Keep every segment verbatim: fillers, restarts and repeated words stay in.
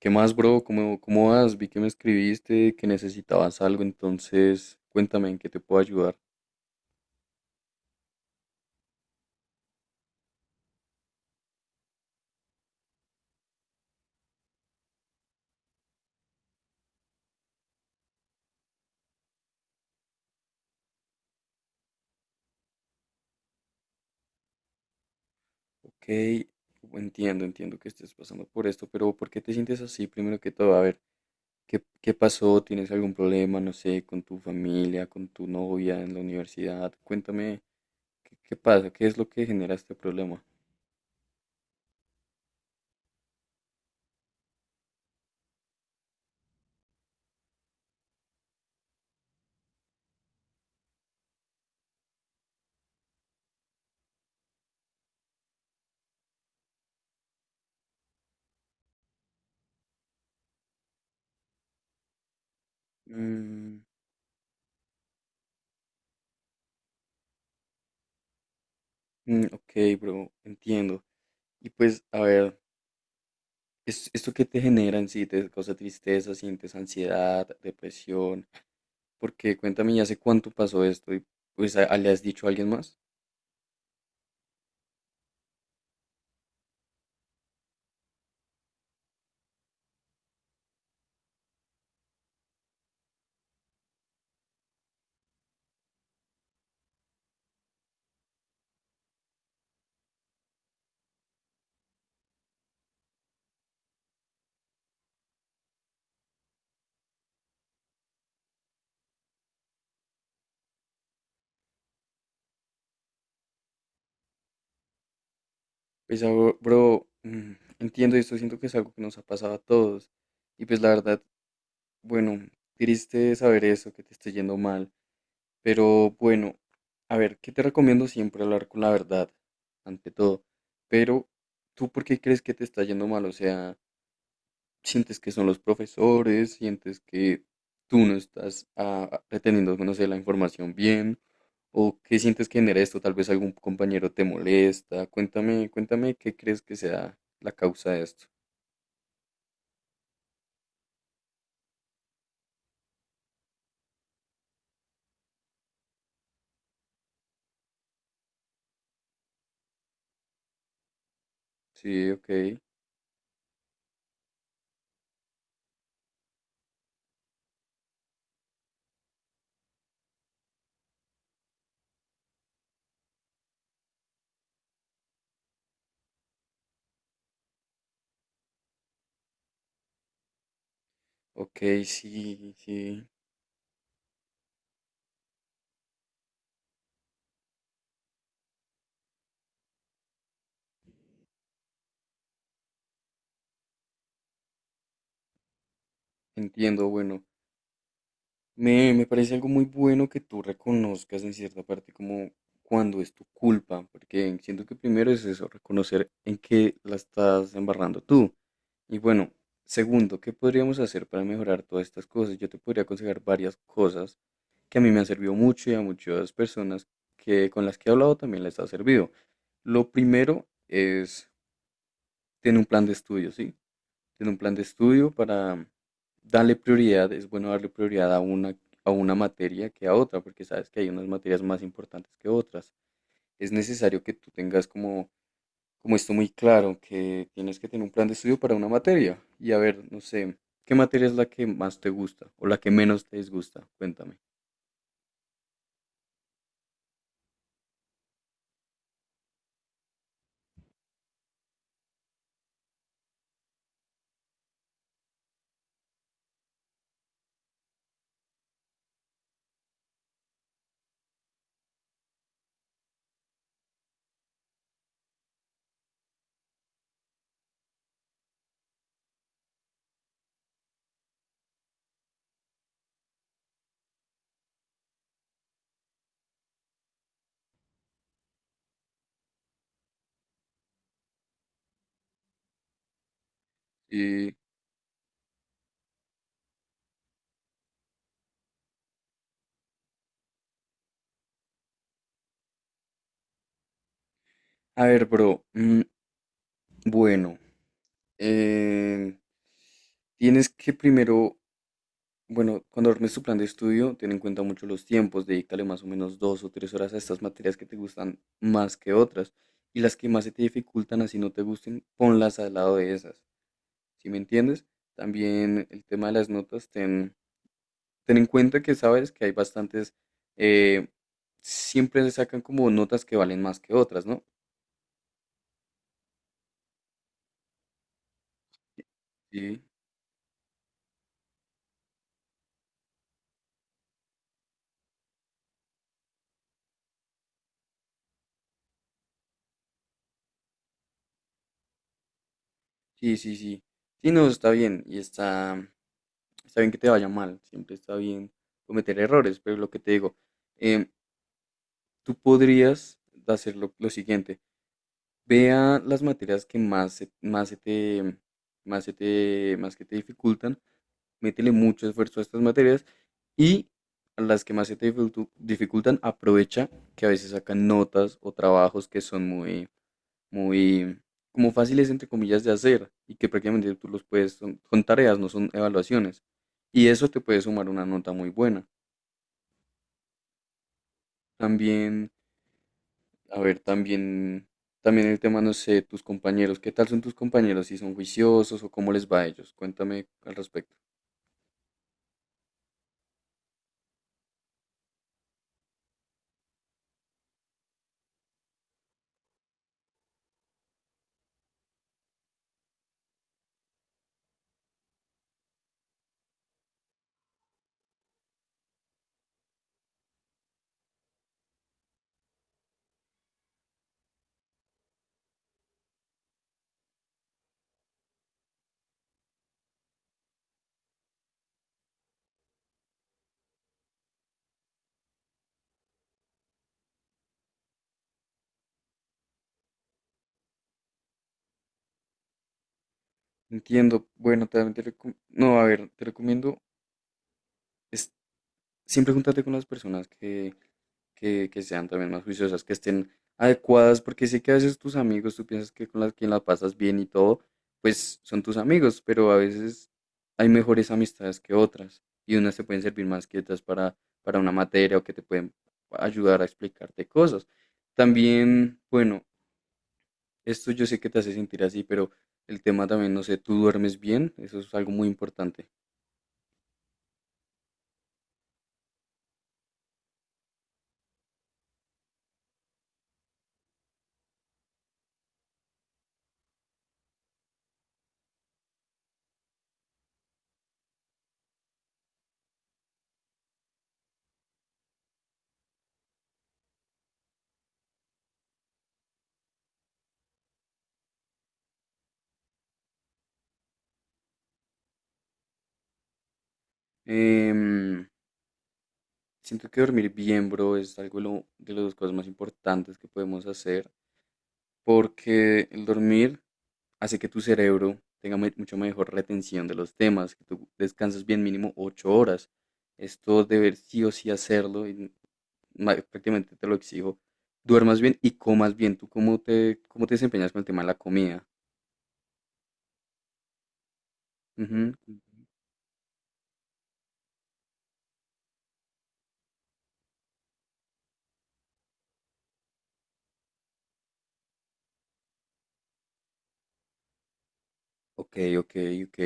¿Qué más, bro? ¿Cómo, cómo vas? Vi que me escribiste, que necesitabas algo, entonces cuéntame en qué te puedo ayudar. Ok, entiendo, entiendo que estés pasando por esto, pero ¿por qué te sientes así? Primero que todo, a ver, ¿qué, qué pasó? ¿Tienes algún problema, no sé, con tu familia, con tu novia en la universidad? Cuéntame, ¿qué, qué pasa? ¿Qué es lo que genera este problema? Mm, mm, ok, bro, entiendo. Y pues, a ver, es- ¿esto que te genera en sí? ¿Te causa tristeza? ¿Sientes ansiedad, depresión? Porque cuéntame, ¿y hace cuánto pasó esto? Y pues ¿a- a- le has dicho a alguien más? Pues ah, bro, mm, entiendo esto, siento que es algo que nos ha pasado a todos. Y pues la verdad, bueno, triste saber eso, que te esté yendo mal. Pero bueno, a ver, ¿qué te recomiendo? Siempre hablar con la verdad, ante todo. Pero, ¿tú por qué crees que te está yendo mal? O sea, sientes que son los profesores, sientes que tú no estás ah, reteniendo, no sé, la información bien, o qué sientes que genera esto, tal vez algún compañero te molesta, cuéntame, cuéntame qué crees que sea la causa de esto. Sí, ok, ok, sí, sí, entiendo, bueno. Me, me parece algo muy bueno que tú reconozcas en cierta parte como cuando es tu culpa, porque siento que primero es eso, reconocer en qué la estás embarrando tú. Y bueno, segundo, ¿qué podríamos hacer para mejorar todas estas cosas? Yo te podría aconsejar varias cosas que a mí me han servido mucho y a muchas personas que con las que he hablado también les ha servido. Lo primero es tener un plan de estudio, ¿sí? Tener un plan de estudio para darle prioridad. Es bueno darle prioridad a una, a una materia que a otra, porque sabes que hay unas materias más importantes que otras. Es necesario que tú tengas como, como esto muy claro, que tienes que tener un plan de estudio para una materia. Y a ver, no sé, ¿qué materia es la que más te gusta o la que menos te disgusta? Cuéntame. Y, a ver, bro, mm, bueno, eh, tienes que primero, bueno, cuando armes tu plan de estudio, ten en cuenta mucho los tiempos, dedícale más o menos dos o tres horas a estas materias que te gustan más que otras, y las que más se te dificultan, así no te gusten, ponlas al lado de esas, ¿sí me entiendes? También el tema de las notas, ten, Ten en cuenta que sabes que hay bastantes, eh, siempre se sacan como notas que valen más que otras, ¿no? Sí, sí, sí, sí. Sí, no, está bien. Y está, está bien que te vaya mal. Siempre está bien cometer errores. Pero lo que te digo, em, tú podrías hacer lo, lo siguiente. Vea las materias que más, se- más, se te, más, se te, más que te dificultan, métele mucho esfuerzo a estas materias y a las que más se te dificultu- dificultan, aprovecha que a veces sacan notas o trabajos que son muy, muy como fáciles entre comillas de hacer y que prácticamente tú los puedes, son, son tareas, no son evaluaciones. Y eso te puede sumar una nota muy buena. También, a ver, también, también el tema, no sé, tus compañeros, ¿qué tal son tus compañeros? ¿Si son juiciosos o cómo les va a ellos? Cuéntame al respecto. Entiendo, bueno, también te recom- no, a ver, te recomiendo, es, siempre júntate con las personas que, que, que sean también más juiciosas, que estén adecuadas, porque sé que a veces tus amigos, tú piensas que con las quien la pasas bien y todo, pues son tus amigos, pero a veces hay mejores amistades que otras y unas te pueden servir más que otras para, para una materia o que te pueden ayudar a explicarte cosas. También, bueno, esto yo sé que te hace sentir así, pero el tema también, no sé, tú duermes bien, eso es algo muy importante. Em, siento que dormir bien, bro, es algo de, lo- de las cosas más importantes que podemos hacer. Porque el dormir hace que tu cerebro tenga me- mucho mejor retención de los temas, que tú descanses bien mínimo ocho horas. Esto deber sí o sí hacerlo, y ma- prácticamente te lo exijo. Duermas bien y comas bien. ¿Tú cómo te, cómo te desempeñas con el tema de la comida? Ujú. Ok, ok, ok.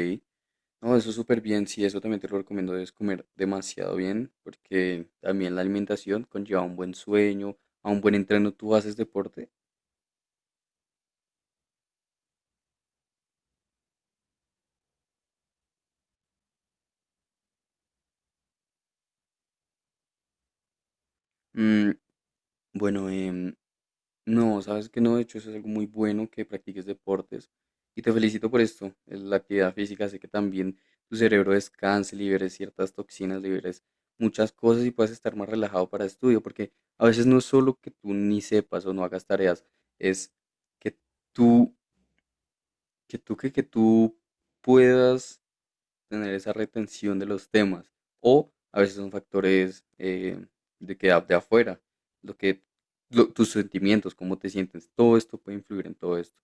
No, eso es súper bien. Sí, eso también te lo recomiendo. Debes comer demasiado bien porque también la alimentación conlleva un buen sueño, a un buen entreno. ¿Tú haces deporte? Mm, bueno, em, no, sabes que no, de hecho eso es algo muy bueno que practiques deportes y te felicito por esto. Es la actividad física hace que también tu cerebro descanse, liberes ciertas toxinas, liberes muchas cosas y puedas estar más relajado para estudio, porque a veces no es solo que tú ni sepas o no hagas tareas, es que tú, que tú, que, que tú puedas tener esa retención de los temas. O a veces son factores eh, de que de afuera, lo que lo, tus sentimientos, cómo te sientes, todo esto puede influir en todo esto.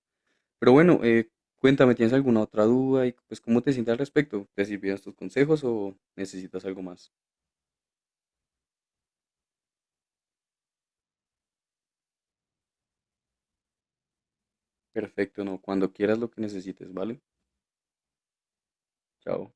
Pero bueno, eh, cuéntame, ¿tienes alguna otra duda y pues cómo te sientes al respecto? ¿Te sirvieron tus consejos o necesitas algo más? Perfecto, no, cuando quieras lo que necesites, ¿vale? Chao.